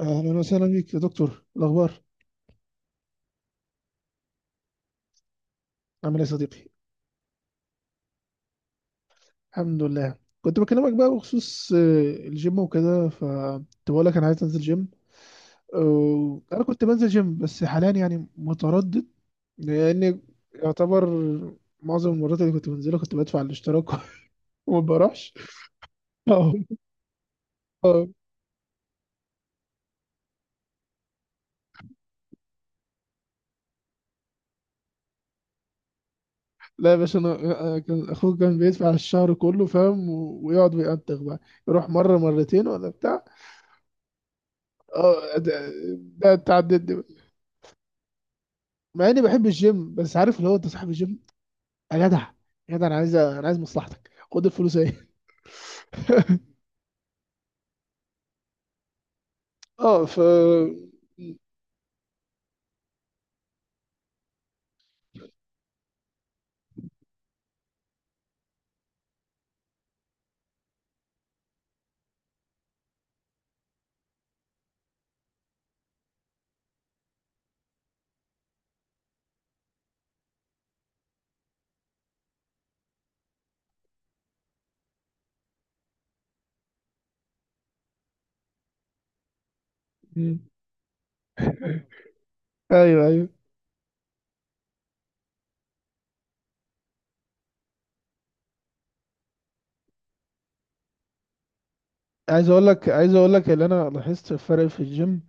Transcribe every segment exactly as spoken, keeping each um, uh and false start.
اهلا وسهلا بيك يا دكتور. الاخبار؟ عامل ايه يا صديقي؟ الحمد لله. كنت بكلمك بقى بخصوص آه، الجيم وكده، فكنت بقول لك انا عايز انزل جيم. آه، انا كنت بنزل جيم بس حاليا يعني متردد، لان يعتبر معظم المرات اللي كنت بنزلها كنت بدفع الاشتراك وما بروحش. أه. أه. لا يا باشا، انا أنا كان اخوك كان بيدفع الشهر كله، فاهم؟ و- ويقعد ويأنتخ بقى، يروح مره مرتين ولا بتاع. اه، ده ده اتعدد. مع اني بحب الجيم، بس عارف اللي هو انت صاحب الجيم يا جدع، يا جدع، انا عايز، انا عايز مصلحتك، خد الفلوس اهي. اه، ف... مم. ايوه، ايوه. عايز اقول لك عايز اقول لك اللي انا لاحظت الفرق في الجيم.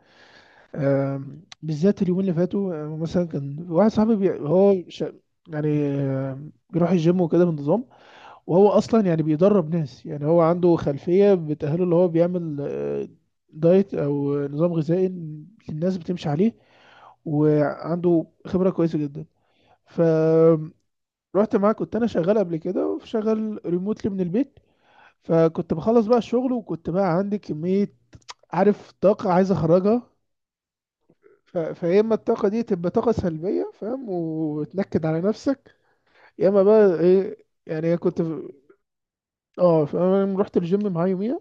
آم، بالذات اليومين اللي فاتوا. آه، مثلا كان واحد صاحبي بي... هو ش... يعني آم، بيروح الجيم وكده بانتظام، وهو اصلا يعني بيدرب ناس، يعني هو عنده خلفيه بتاهله، اللي هو بيعمل آه، دايت او نظام غذائي الناس بتمشي عليه، وعنده خبرة كويسة جدا. ف... رحت معاه. كنت انا شغال قبل كده، وشغال ريموتلي من البيت، فكنت بخلص بقى الشغل، وكنت بقى عندي كمية، عارف، طاقة عايز اخرجها. ف... فيا اما الطاقة دي تبقى طاقة سلبية، فاهم، وتنكد على نفسك، يا اما بقى ايه يعني، كنت في- اه فانا رحت الجيم معاه يوميها.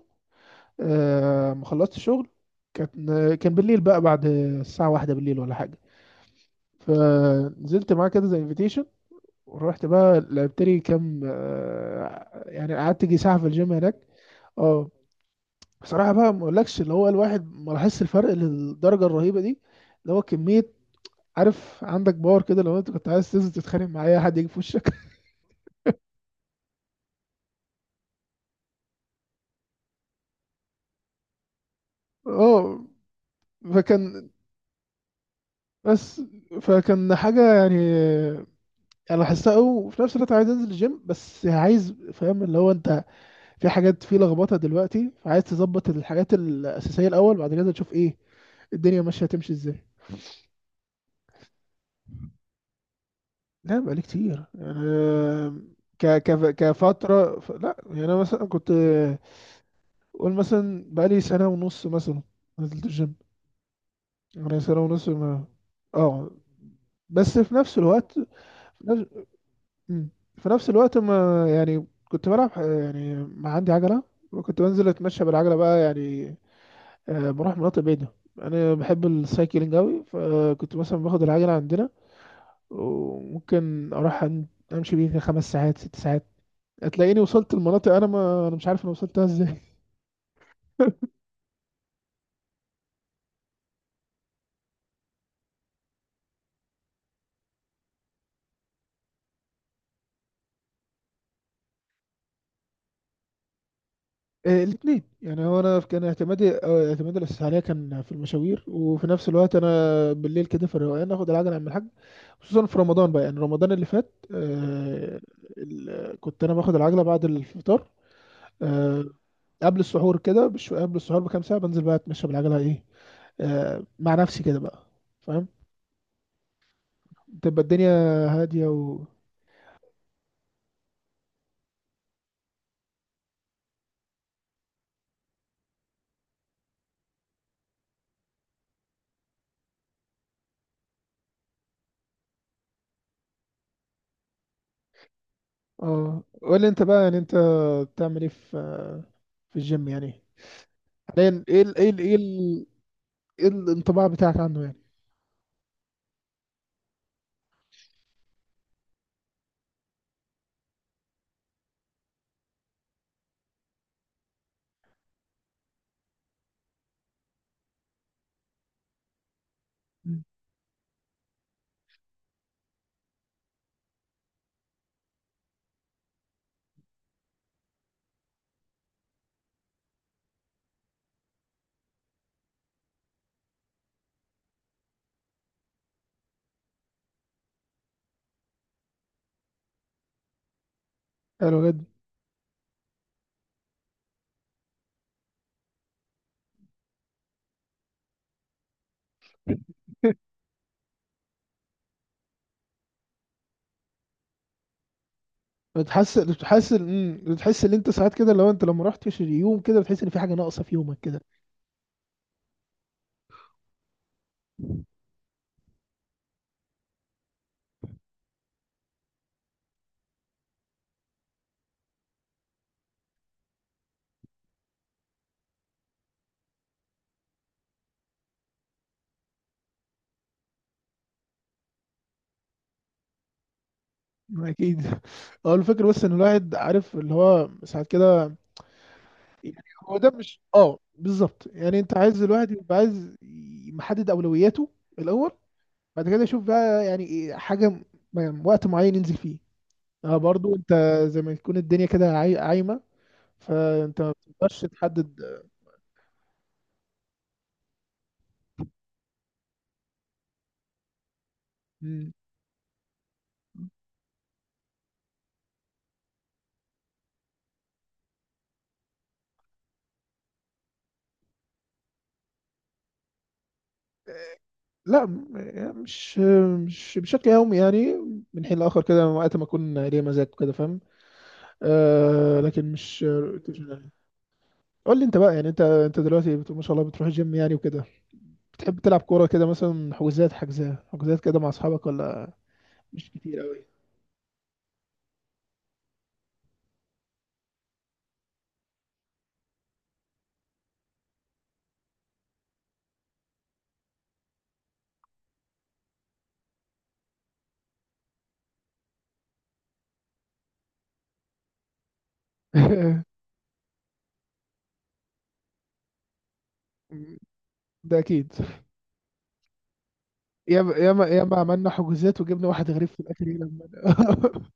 آه، ما خلصت الشغل، كان كان بالليل بقى، بعد الساعة واحدة بالليل ولا حاجة، فنزلت معاه كده زي انفيتيشن، ورحت بقى لعبت لي كام، آه، يعني قعدت يجي ساعة في الجيم هناك. اه، بصراحة بقى، ما اقولكش اللي هو الواحد ما لاحظش الفرق للدرجة الرهيبة دي. اللي هو كمية، عارف، عندك باور كده، لو انت كنت عايز تنزل تتخانق مع اي حد يجي في وشك. اه. فكان، بس فكان حاجة يعني انا لاحظتها قوي. وفي نفس الوقت عايز انزل الجيم، بس عايز، فاهم اللي هو انت في حاجات، في لخبطة دلوقتي، فعايز تظبط الحاجات الأساسية الأول، بعد كده تشوف ايه الدنيا ماشية، هتمشي ازاي. لا بقالي كتير يعني. آه، ك ك كفترة ف... لا يعني أنا مثلا كنت، آه، قول مثلا بقالي سنة ونص مثلا نزلت الجيم. يعني سنة ونص ما... اه. بس في نفس الوقت، في نفس, مم. في نفس الوقت ما يعني كنت بلعب ح- يعني ما عندي عجلة، وكنت بنزل أتمشى بالعجلة بقى، يعني آه، بروح مناطق بعيدة. أنا بحب السايكلينج أوي، فكنت مثلا باخد العجلة عندنا، وممكن أروح أم- أمشي بيها خمس ساعات، ست ساعات. هتلاقيني وصلت لمناطق انا ما انا مش عارف انا وصلتها ازاي. آه، الاثنين يعني. هو انا كان اعتمادي، آه، اعتمادي الاساسي عليها كان في المشاوير، وفي نفس الوقت انا بالليل كده في الروقان اخد العجله اعمل حاجه. خصوصا في رمضان بقى، يعني رمضان اللي فات، آه، ال- كنت انا باخد العجله بعد الفطار، آه، قبل السحور كده بش قبل السحور بكام ساعه بنزل بقى اتمشى بالعجله ايه، آه، مع نفسي كده بقى. فاهم؟ تبقى الدنيا هاديه. و... اه قول لي انت بقى، يعني انت بتعمل ايه في آه، في الجيم يعني حاليا؟ ايه ال ايه ال ايه ال ايه الانطباع بتاعك عنه يعني؟ مم. حلو جدا. بتحس بتحس مم، بتحس ان انت ساعات كده، لو انت لما رحتش اليوم كده، بتحس ان في حاجه ناقصه في يومك كده. اكيد. هو الفكره بس ان الواحد عارف اللي هو ساعات كده، يعني هو ده مش، اه بالظبط، يعني انت عايز الواحد يبقى عايز ي- محدد اولوياته الاول، بعد كده يشوف بقى يعني، إيه حاجه م- يعني وقت معين ينزل فيه. اه، برضو انت زي ما تكون الدنيا كده عاي- عايمه، فانت ما بتقدرش تحدد. مم. لا م- يعني مش مش بشكل يومي يعني. من حين لاخر كده، وقت ما اكون ليا مزاج كده، فاهم؟ آه، لكن مش روتين يعني. قول لي انت بقى، يعني انت انت دلوقتي بت- ما شاء الله بتروح الجيم يعني وكده، بتحب تلعب كوره كده مثلا، حجوزات حجزات حجوزات كده مع اصحابك ولا مش كتير قوي؟ ده اكيد. ياما ياما ياما عملنا حجوزات وجبنا واحد غريب في الاخر يلعب معانا.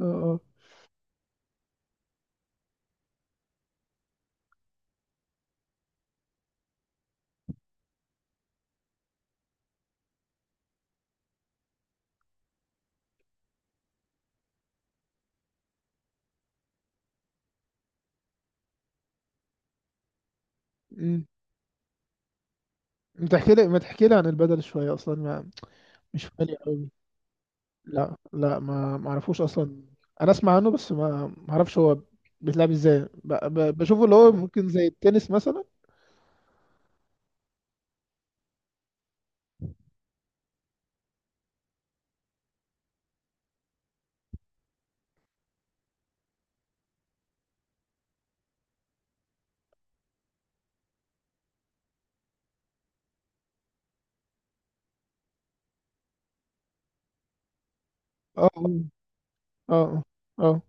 اه، اه. مم. ما تحكي لي ما تحكي لي عن البدل شويه اصلا، مش غالي قوي؟ لا لا، ما ما اعرفوش اصلا. انا اسمع عنه بس ما ما اعرفش هو بيتلعب ازاي. ب... ب... بشوفه اللي هو ممكن زي التنس مثلا. اه، اه، اه،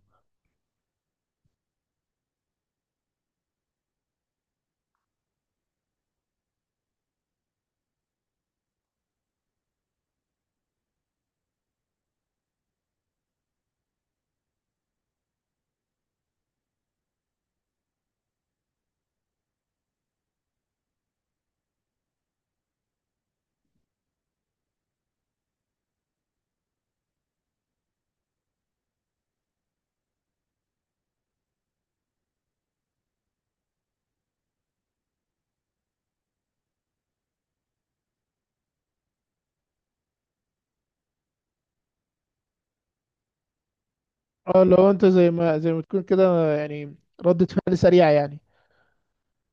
اه، لو انت زي ما، زي ما تكون كده يعني، ردة فعل سريعة يعني.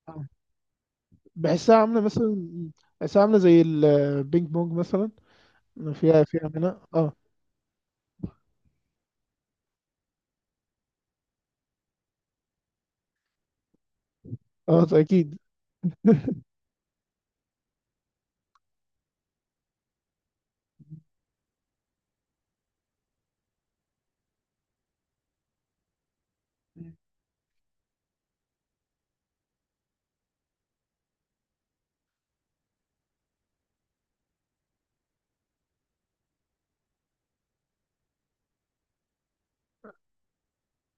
آه. بحسها عاملة مثلا، بحسها عاملة زي البينج بونج مثلا. فيها، فيها منها، اه. اه اكيد.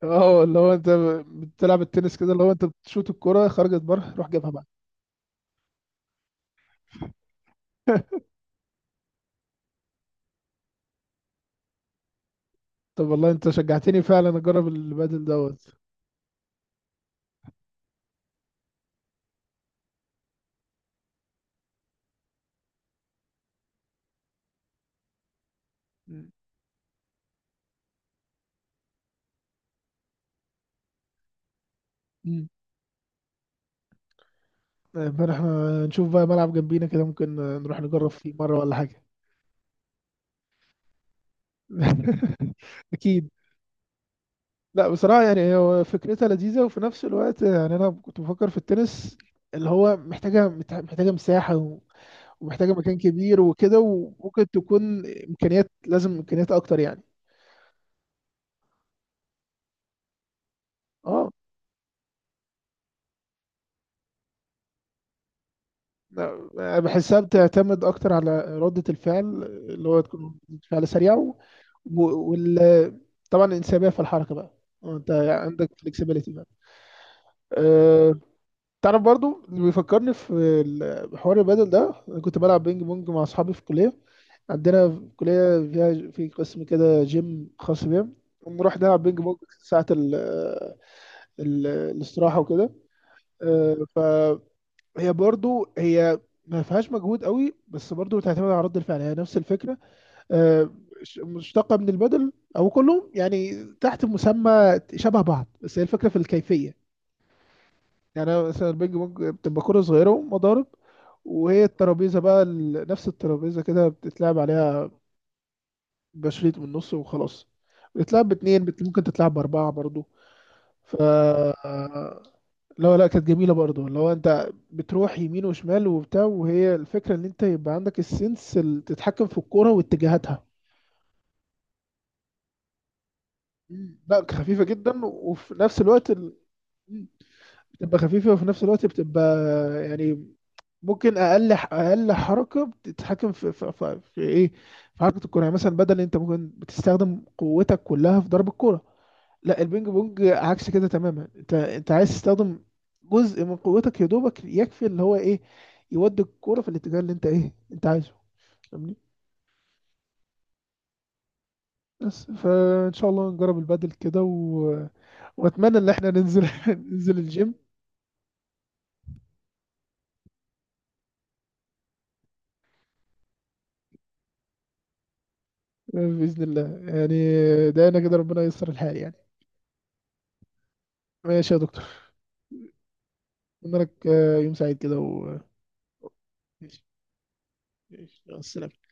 اه اللي هو انت بتلعب التنس كده، اللي هو انت بتشوت الكرة خرجت بره، روح جابها بقى. طب والله انت شجعتني فعلا اجرب البادل دوت مم. امبارح احنا نشوف بقى ملعب جنبينا كده، ممكن نروح نجرب فيه مرة ولا حاجة. اكيد. لا بصراحة يعني، هو فكرتها لذيذة. وفي نفس الوقت يعني انا كنت بفكر في التنس اللي هو محتاجة، محتاجة مساحة و- ومحتاجة مكان كبير وكده، وممكن تكون امكانيات، لازم امكانيات اكتر يعني. اه. لا، يعني بحسها بتعتمد اكتر على ردة الفعل، اللي هو تكون ردة فعل سريعة و... و- وال طبعا الانسيابية في الحركة بقى، يعني انت عندك فلكسبيليتي بقى. أه... تعرف برضو اللي بيفكرني في ال- حوار البدل ده، انا كنت بلعب بينج بونج مع اصحابي في الكلية. عندنا في الكلية فيها في قسم كده جيم خاص بيها، بنروح نلعب بينج بونج ساعة ال... ال... الاستراحة وكده. أه... ف... هي برضو هي ما فيهاش مجهود قوي، بس برضو بتعتمد على رد الفعل، هي نفس الفكره. آه، ش- مشتقه من البدل، او كلهم يعني تحت مسمى شبه بعض، بس هي الفكره في الكيفيه. يعني أنا مثلا البينج بونج بتبقى كره صغيره ومضارب، وهي الترابيزه بقى ال- نفس الترابيزه كده بتتلعب عليها بشريط من النص، وخلاص. بتتلعب باتنين بت- ممكن تتلعب باربعه برضو. ف... لا لا، كانت جميله برضه، اللي هو انت بتروح يمين وشمال وبتاع، وهي الفكره ان انت يبقى عندك السنس اللي تتحكم في الكوره واتجاهاتها. مم. لا خفيفه جدا، وفي نفس الوقت ال- مم. بتبقى خفيفه، وفي نفس الوقت بتبقى يعني ممكن اقل اقل حركه بتتحكم في في, في, في ايه، في حركه الكوره يعني. مثلا بدل، انت ممكن بتستخدم قوتك كلها في ضرب الكوره. لا البينج بونج عكس كده تماما، انت انت عايز تستخدم جزء من قوتك يا دوبك يكفي اللي هو ايه، يودي الكوره في الاتجاه اللي انت ايه انت عايزه. فاهمني؟ بس فان شاء الله نجرب البادل كده، و... واتمنى ان احنا ننزل ننزل الجيم. باذن الله يعني. دعينا كده ربنا ييسر الحال يعني. ماشي يا دكتور. اتمنى لك آه، يوم سعيد كده و... ماشي. ماشي. مع السلامة.